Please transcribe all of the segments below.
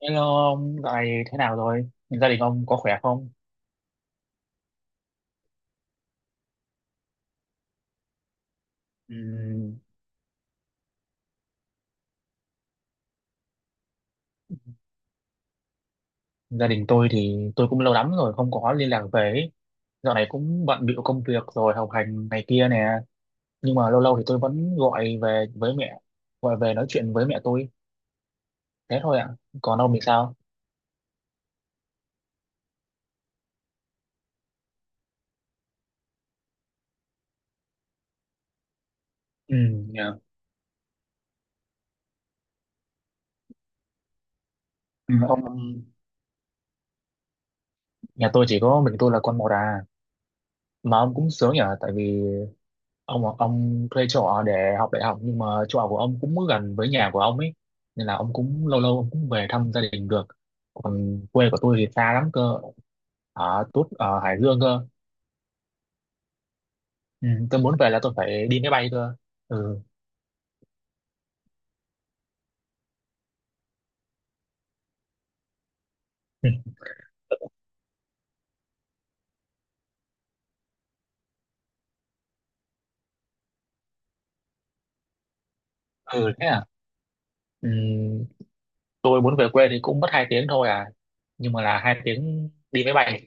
Hello ông, dạo này thế nào rồi? Gia đình ông có khỏe không? Ừm, Gia đình tôi thì tôi cũng lâu lắm rồi không có liên lạc về ấy. Dạo này cũng bận bịu công việc rồi học hành này kia nè. Nhưng mà lâu lâu thì tôi vẫn gọi về với mẹ, gọi về nói chuyện với mẹ tôi. Thế thôi ạ. Còn ông thì sao? Ừ, nhà, ừ, ông, nhà tôi chỉ có mình tôi là con một à. Mà ông cũng sướng nhỉ? Tại vì ông thuê chỗ ở để học đại học nhưng mà chỗ ở của ông cũng gần với nhà của ông ấy nên là ông cũng lâu lâu ông cũng về thăm gia đình được, còn quê của tôi thì xa lắm cơ, ở Tút ở Hải Dương cơ. Ừ, tôi muốn về là tôi phải đi máy bay cơ. Ừ. Ừ thế à. Ừ, tôi muốn về quê thì cũng mất hai tiếng thôi à, nhưng mà là hai tiếng đi máy bay.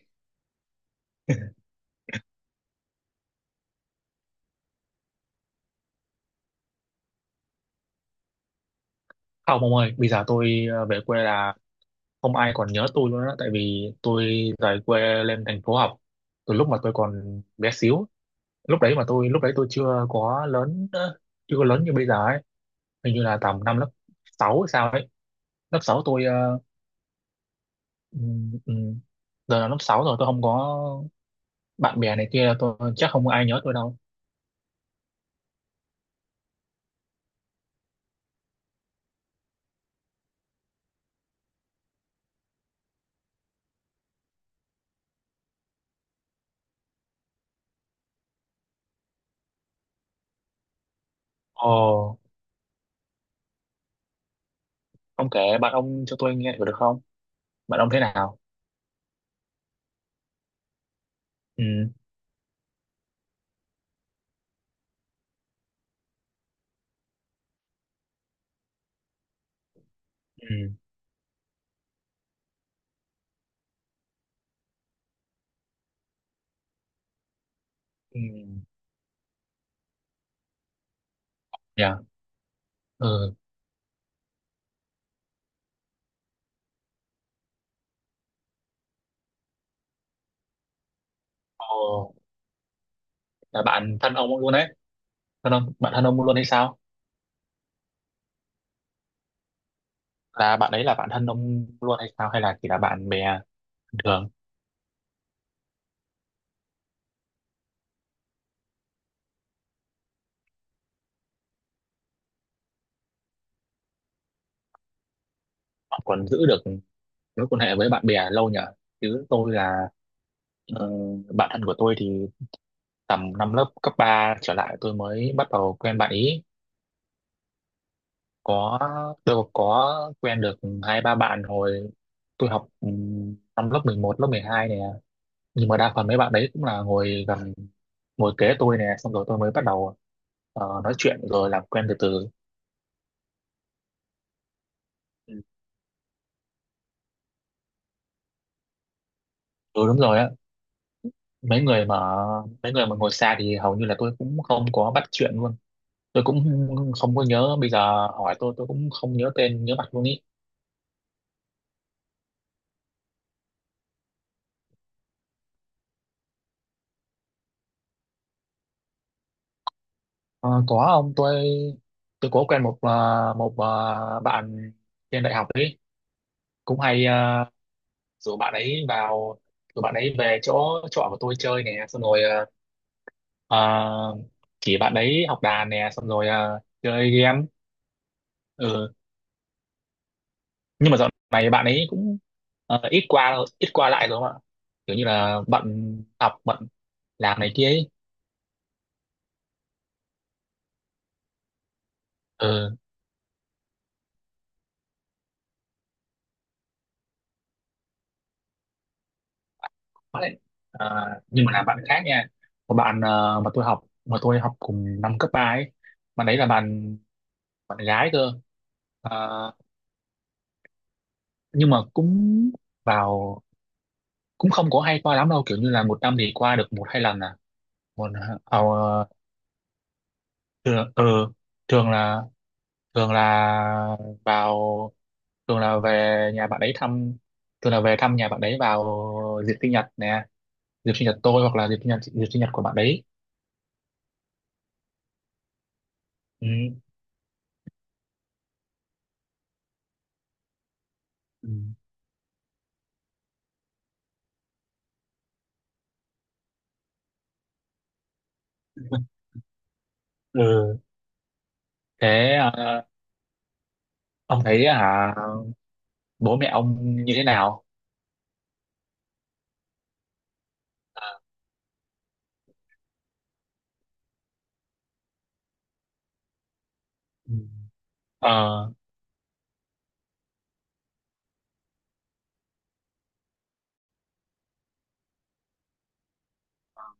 Không ông ơi, bây giờ tôi về quê là không ai còn nhớ tôi luôn á, tại vì tôi rời quê lên thành phố học từ lúc mà tôi còn bé xíu. Lúc đấy mà tôi lúc đấy tôi chưa có lớn, chưa có lớn như bây giờ ấy. Hình như là tầm năm lớp 6 hay sao ấy. Lớp 6 tôi ừm, ừm, giờ là lớp 6 rồi tôi không có bạn bè này kia, tôi chắc không có ai nhớ tôi đâu. Ồ, ông kể bạn ông cho tôi nghe thử được không? Bạn ông thế nào? Ừ. Ừ. Ừ. Dạ. Ừ. Ồ, là bạn thân ông luôn đấy? Thân ông, bạn thân ông luôn hay sao? Là bạn đấy là bạn thân ông luôn hay sao, hay là chỉ là bạn bè bình thường? Bạn còn giữ được mối quan hệ với bạn bè lâu nhở. Chứ tôi là, ờ, bạn thân của tôi thì tầm năm lớp cấp 3 trở lại tôi mới bắt đầu quen bạn ý. Có, tôi có quen được hai ba bạn hồi tôi học năm lớp 11 lớp 12 nè. Nhưng mà đa phần mấy bạn đấy cũng là ngồi gần, ngồi kế tôi nè, xong rồi tôi mới bắt đầu nói chuyện rồi làm quen từ từ. Ừ. Ừ, đúng rồi á. Mấy người mà, mấy người mà ngồi xa thì hầu như là tôi cũng không có bắt chuyện luôn. Tôi cũng không có nhớ, bây giờ hỏi tôi cũng không nhớ tên nhớ mặt luôn ý. Ờ, có ông, tôi có quen một một bạn trên đại học ấy, cũng hay rủ bạn ấy vào, rủ bạn ấy về chỗ trọ của tôi chơi nè, xong rồi ờ, chỉ bạn ấy học đàn nè, xong rồi chơi game. Ừ. Nhưng mà dạo này bạn ấy cũng ít qua lại rồi không ạ, kiểu như là bận học bận làm này kia ấy. Ừ. Đấy. À, nhưng mà là bạn khác nha. Một bạn mà tôi học cùng năm cấp 3 ấy. Bạn đấy là bạn, bạn gái cơ. À, nhưng mà cũng vào, cũng không có hay qua lắm đâu, kiểu như là một năm thì qua được một hai lần à. Còn ờ, thường ờ, thường là, thường là vào, thường là về nhà bạn ấy thăm, thường là về thăm nhà bạn ấy vào dịp sinh nhật nè, dịp sinh nhật tôi hoặc là dịp sinh nhật của bạn đấy. Ừ. Ừ. Ừ. Thế ông thấy hả, bố mẹ ông như thế nào? À. Ừ. Ờ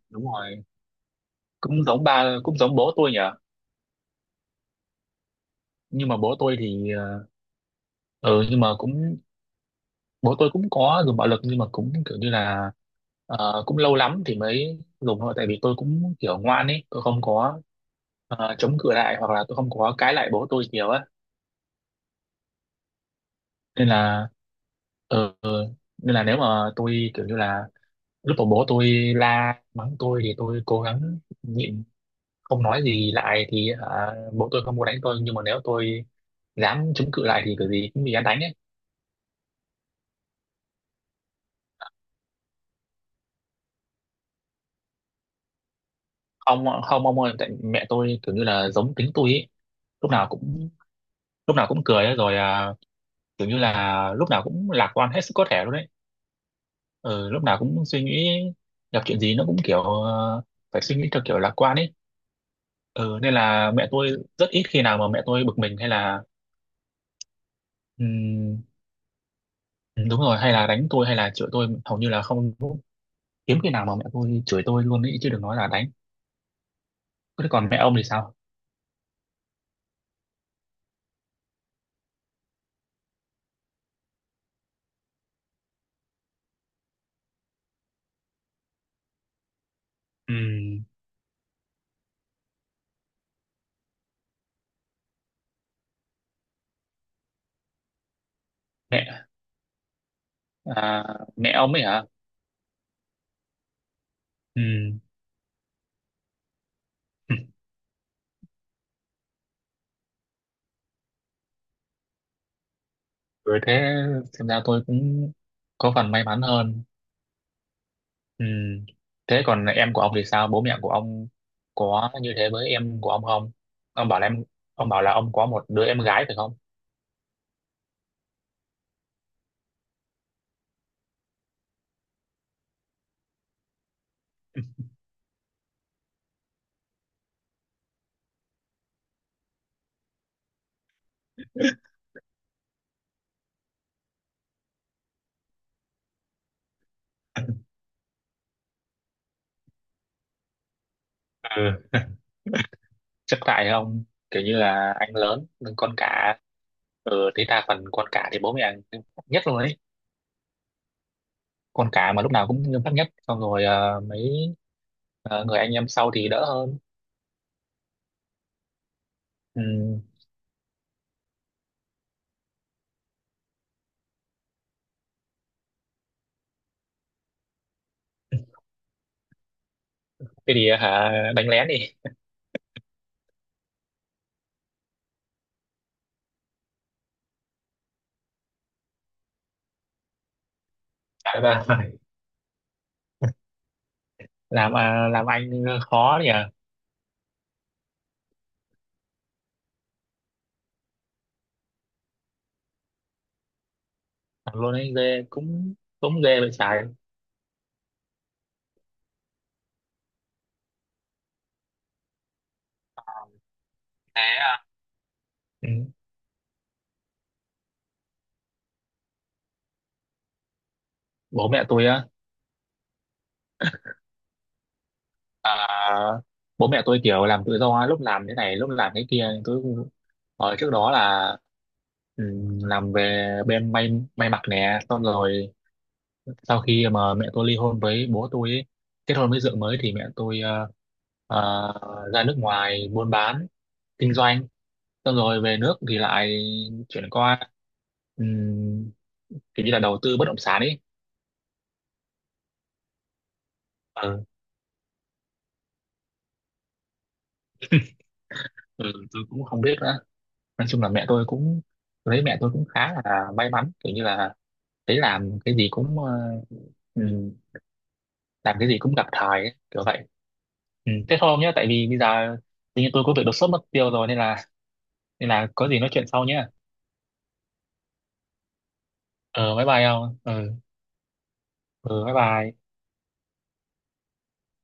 đúng rồi, cũng giống ba cũng giống bố tôi nhỉ. Nhưng mà bố tôi thì ờ, ừ, nhưng mà cũng, bố tôi cũng có dùng bạo lực nhưng mà cũng kiểu như là cũng lâu lắm thì mới dùng thôi, tại vì tôi cũng kiểu ngoan ấy, tôi không có chống cự lại hoặc là tôi không có cãi lại bố tôi nhiều á. Nên là, ừ, nên là nếu mà tôi kiểu như là lúc mà bố tôi la mắng tôi thì tôi cố gắng nhịn, không nói gì lại thì hả, bố tôi không muốn đánh tôi, nhưng mà nếu tôi dám chống cự lại thì kiểu gì cũng bị hắn đánh ấy. Không không ông ơi, tại mẹ tôi kiểu như là giống tính tôi ấy, lúc nào cũng, lúc nào cũng cười ấy, rồi à, kiểu như là lúc nào cũng lạc quan hết sức có thể luôn đấy. Ừ, lúc nào cũng suy nghĩ, gặp chuyện gì nó cũng kiểu phải suy nghĩ theo kiểu lạc quan ấy. Ừ, nên là mẹ tôi rất ít khi nào mà mẹ tôi bực mình hay là ừm, đúng rồi, hay là đánh tôi hay là chửi tôi hầu như là không, hiếm khi nào mà mẹ tôi chửi tôi luôn ấy chứ đừng nói là đánh. Thế còn mẹ ông thì sao? Ừm, Mẹ à, mẹ ông ấy hả? Ừ. Rồi thế, xem ra tôi cũng có phần may mắn hơn. Ừm, Thế còn em của ông thì sao? Bố mẹ của ông có như thế với em của ông không? Ông bảo là em, ông bảo là ông có một đứa em gái phải không? Ừ. Chấp tại không? Kiểu như là anh lớn nhưng con cả, ừ, thế đa phần con cả thì bố mẹ nghiêm khắc nhất luôn ấy. Con cả mà lúc nào cũng nghiêm khắc nhất, xong rồi mấy người anh em sau thì đỡ hơn. Ừ. Thế thì hả, đánh lén đi. Thế là làm à, làm anh khó nhỉ. Làm luôn anh ghê, cũng cũng ghê vậy trái. Thế à. Ừ. Bố mẹ tôi á? À, bố mẹ tôi kiểu làm tự do, lúc làm thế này lúc làm thế kia. Tôi, ở trước đó là, ừ, làm về bên may, may mặc nè, xong rồi sau khi mà mẹ tôi ly hôn với bố tôi ấy, kết hôn với vợ mới thì mẹ tôi ra nước ngoài buôn bán, kinh doanh, xong rồi về nước thì lại chuyển qua um, kiểu như là đầu tư bất động sản ấy. Ừ. Ừ, tôi cũng không biết nữa, nói chung là mẹ tôi cũng, lấy mẹ tôi cũng khá là may mắn, kiểu như là thấy làm cái gì cũng ừm, làm cái gì cũng gặp thời ấy, kiểu vậy. Ừ, thế thôi ông nhé, tại vì bây giờ tự nhiên tôi có việc đột xuất mất tiêu rồi, nên là, nên là có gì nói chuyện sau nhé. Ờ bye bye ông. Ừ, ừ bye bye.